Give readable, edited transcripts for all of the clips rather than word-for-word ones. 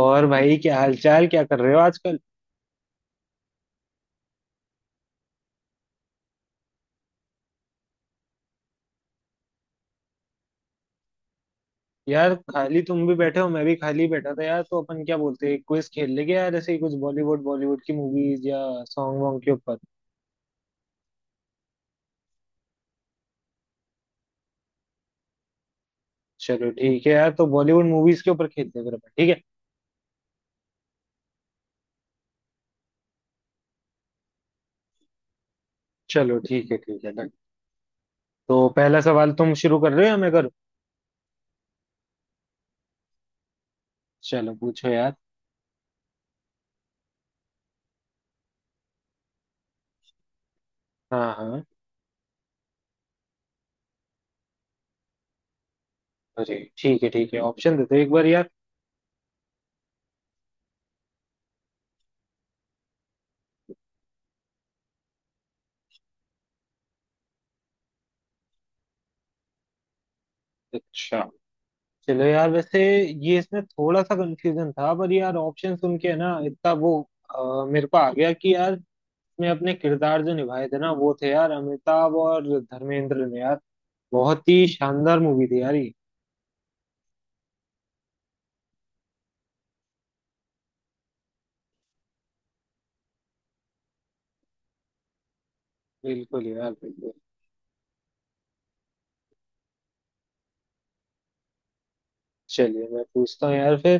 और भाई क्या हालचाल, क्या कर रहे हो आजकल। यार खाली तुम भी बैठे हो, मैं भी खाली बैठा था यार, तो अपन क्या बोलते हैं, क्विज खेल लेंगे यार, ऐसे ही कुछ बॉलीवुड बॉलीवुड की मूवीज या सॉन्ग वॉन्ग के ऊपर। चलो ठीक है यार, तो बॉलीवुड मूवीज के ऊपर खेलते हैं फिर अपन, ठीक है। चलो ठीक है, ठीक है, डन। तो पहला सवाल तुम शुरू कर रहे हो या मैं करूँ? चलो पूछो यार। हाँ हाँ। अरे ठीक है ठीक है, ऑप्शन देते एक बार यार। अच्छा। चलो यार, वैसे ये इसमें थोड़ा सा कंफ्यूजन था, पर यार ऑप्शन सुन के ना इतना वो, मेरे को आ गया कि यार में अपने किरदार जो निभाए थे ना वो थे यार, अमिताभ और धर्मेंद्र ने यार। बहुत ही शानदार मूवी थी यार ये। बिल्कुल यार, बिल्कुल। चलिए मैं पूछता हूँ यार फिर।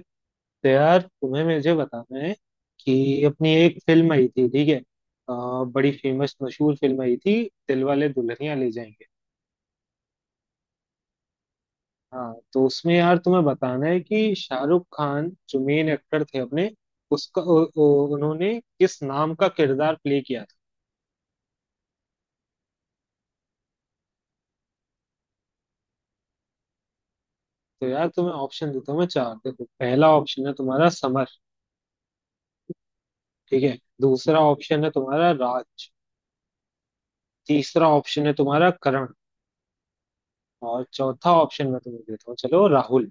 तो यार तुम्हें मुझे बताना है कि अपनी एक फिल्म आई थी, ठीक है, बड़ी फेमस मशहूर फिल्म आई थी, दिलवाले दुल्हनिया ले जाएंगे। हाँ, तो उसमें यार तुम्हें बताना है कि शाहरुख खान जो मेन एक्टर थे अपने, उसका उन्होंने किस नाम का किरदार प्ले किया था। तो यार तुम्हें ऑप्शन देता हूँ मैं चार, देखो पहला ऑप्शन है तुम्हारा समर, ठीक है। दूसरा ऑप्शन है तुम्हारा राज। तीसरा ऑप्शन है तुम्हारा करण। और चौथा ऑप्शन मैं तुम्हें देता हूँ, चलो राहुल।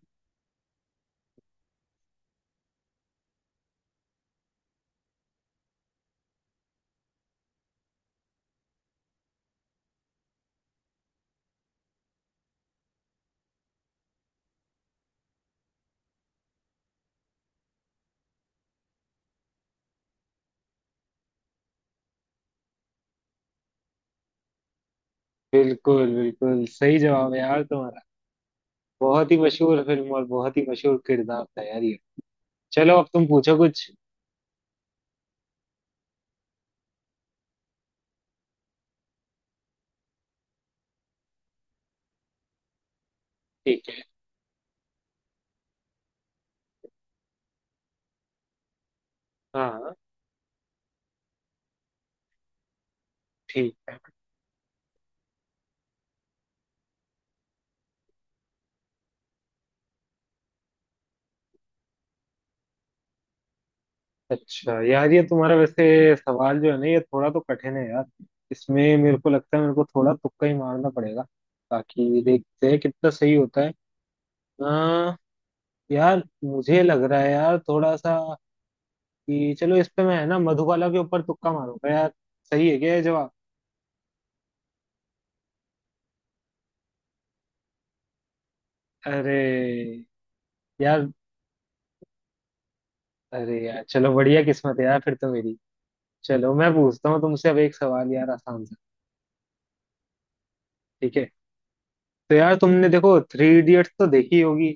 बिल्कुल बिल्कुल, सही जवाब है यार तुम्हारा। बहुत ही मशहूर फिल्म और बहुत ही मशहूर किरदार था यार ये। चलो अब तुम पूछो कुछ। ठीक है। हाँ। ठीक है। अच्छा यार, ये तुम्हारा वैसे सवाल जो है ना, ये थोड़ा तो कठिन है यार। इसमें मेरे को लगता है मेरे को थोड़ा तुक्का ही मारना पड़ेगा, ताकि देखते हैं कितना सही होता है। आ, यार मुझे लग रहा है यार थोड़ा सा कि चलो इस पे मैं है ना मधुबाला के ऊपर तुक्का मारूंगा यार। सही है क्या ये जवाब? अरे यार। अरे यार चलो, बढ़िया किस्मत है यार फिर तो मेरी। चलो मैं पूछता हूँ तुमसे अब एक सवाल यार, आसान सा। ठीक है। तो यार तुमने देखो थ्री इडियट्स तो देखी होगी।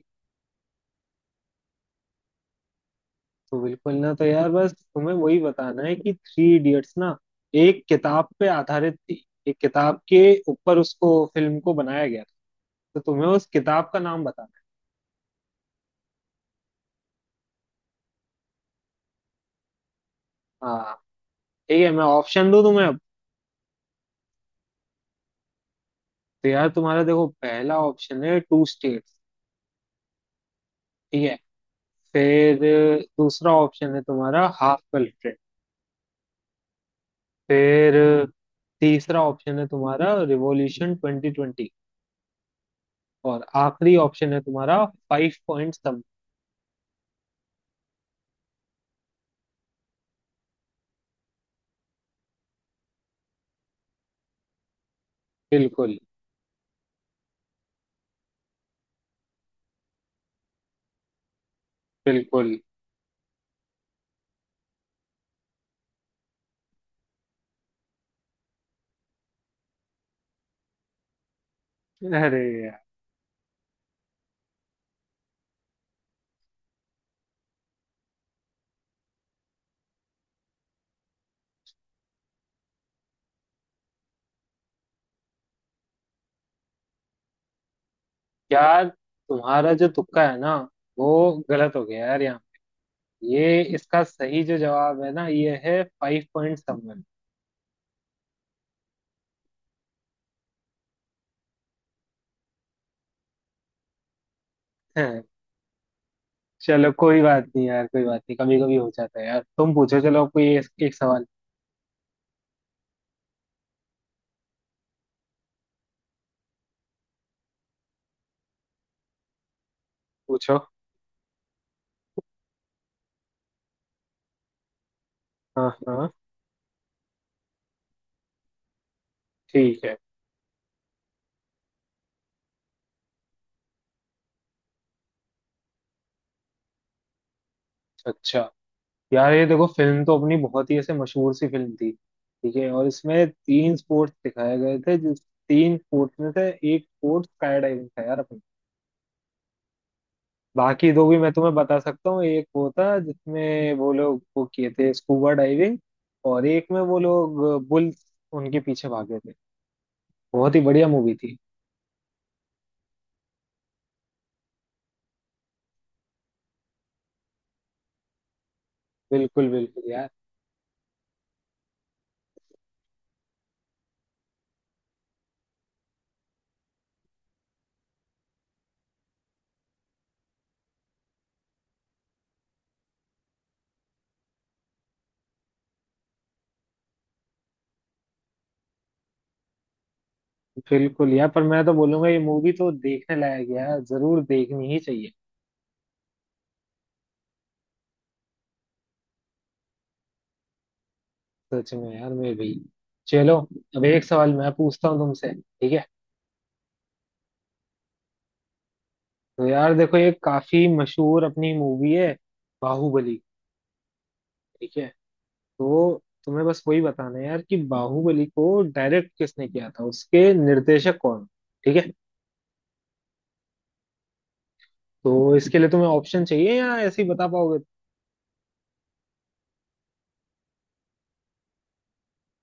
तो बिल्कुल ना, तो यार बस तुम्हें वही बताना है कि थ्री इडियट्स ना एक किताब पे आधारित थी, एक किताब के ऊपर उसको फिल्म को बनाया गया था। तो तुम्हें उस किताब का नाम बताना है। हाँ, ठीक है, मैं ऑप्शन दूं तुम्हें अब। तो यार तुम्हारा देखो पहला ऑप्शन है टू स्टेट, ठीक है। फिर दूसरा ऑप्शन है तुम्हारा हाफ कल्ट्री। फिर तीसरा ऑप्शन है तुम्हारा रिवॉल्यूशन 2020। और आखिरी ऑप्शन है तुम्हारा फाइव पॉइंट सम। बिल्कुल बिल्कुल। अरे यार। यार तुम्हारा जो तुक्का है ना, वो गलत हो गया यार यहाँ। ये इसका सही जो जवाब है ना, ये है फाइव पॉइंट समवन। चलो कोई बात नहीं यार, कोई बात नहीं, कभी कभी हो जाता है यार, तुम पूछो, चलो कोई एक, एक सवाल पूछो। हाँ हाँ। ठीक है। अच्छा। यार ये देखो फिल्म तो अपनी बहुत ही ऐसे मशहूर सी फिल्म थी, ठीक है, और इसमें तीन स्पोर्ट्स दिखाए गए थे, जिस तीन स्पोर्ट्स में से एक स्पोर्ट स्काई डाइविंग था यार अपना। बाकी दो भी मैं तुम्हें बता सकता हूँ, एक वो था जिसमें वो लोग वो किए थे, स्कूबा डाइविंग। और एक में वो लोग बुल्स, उनके पीछे भागे थे। बहुत ही बढ़िया मूवी थी। बिल्कुल बिल्कुल बिल्कुल यार, पर मैं तो बोलूंगा ये मूवी तो देखने लायक है यार, जरूर देखनी ही चाहिए। सच में यार, मैं भी। चलो अब एक सवाल मैं पूछता हूँ तुमसे, ठीक है। तो यार देखो ये काफी मशहूर अपनी मूवी है, बाहुबली, ठीक है। तो तुम्हें बस वही बताना है यार कि बाहुबली को डायरेक्ट किसने किया था, उसके निर्देशक कौन। ठीक है। तो इसके लिए तुम्हें ऑप्शन चाहिए या ऐसे ही बता पाओगे?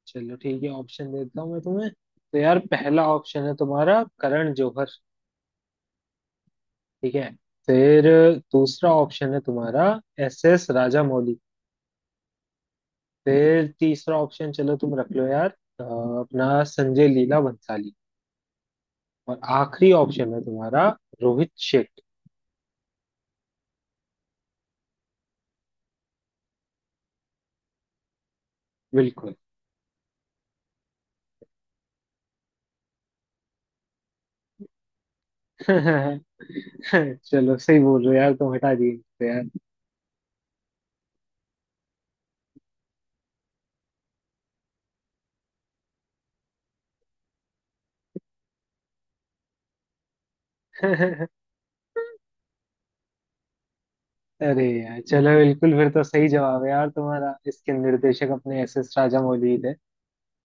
चलो ठीक है, ऑप्शन देता हूँ मैं तुम्हें। तो यार पहला ऑप्शन है तुम्हारा करण जौहर, ठीक है। फिर दूसरा ऑप्शन है तुम्हारा एस एस राजामौली। फिर तीसरा ऑप्शन, चलो तुम रख लो यार, अ, अपना संजय लीला भंसाली। और आखिरी ऑप्शन है तुम्हारा रोहित शेट। बिल्कुल। चलो सही बोल रहे हो यार, तुम हटा दिए इसको। यार अरे यार, चलो बिल्कुल, फिर तो सही जवाब है यार तुम्हारा, इसके निर्देशक अपने एस एस राजामौली ही थे।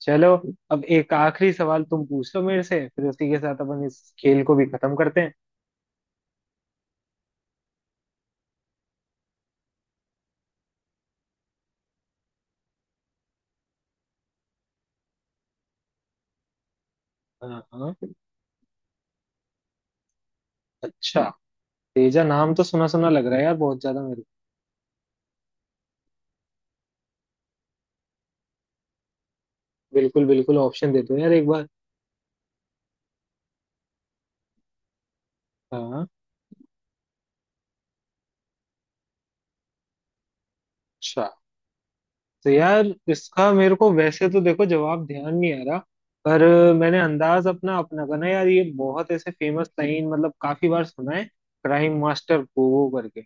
चलो अब एक आखिरी सवाल तुम पूछ लो मेरे से, फिर उसी के साथ अपन इस खेल को भी खत्म करते हैं। हाँ हाँ। अच्छा। तेजा नाम तो सुना सुना लग रहा है यार, बहुत ज्यादा मेरे को। बिल्कुल बिल्कुल, ऑप्शन दे दो यार एक बार। हाँ। अच्छा। तो यार इसका मेरे को वैसे तो देखो जवाब ध्यान नहीं आ रहा, पर मैंने अंदाज अपना अपना बना यार, ये बहुत ऐसे फेमस लाइन, मतलब काफी बार सुना है, क्राइम मास्टर गोगो करके।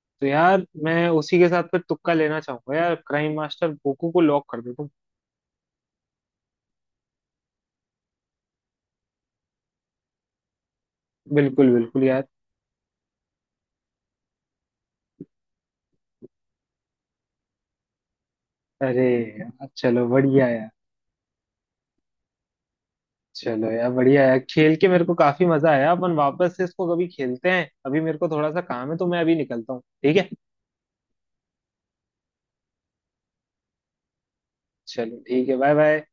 तो यार मैं उसी के साथ फिर तुक्का लेना चाहूंगा यार, क्राइम मास्टर गोगो को लॉक कर दो तुम। बिल्कुल बिल्कुल यार। अरे यार चलो बढ़िया यार। चलो यार बढ़िया यार, खेल के मेरे को काफी मजा आया, अपन वापस से इसको कभी खेलते हैं, अभी मेरे को थोड़ा सा काम है तो मैं अभी निकलता हूँ, ठीक है। चलो ठीक है, बाय बाय।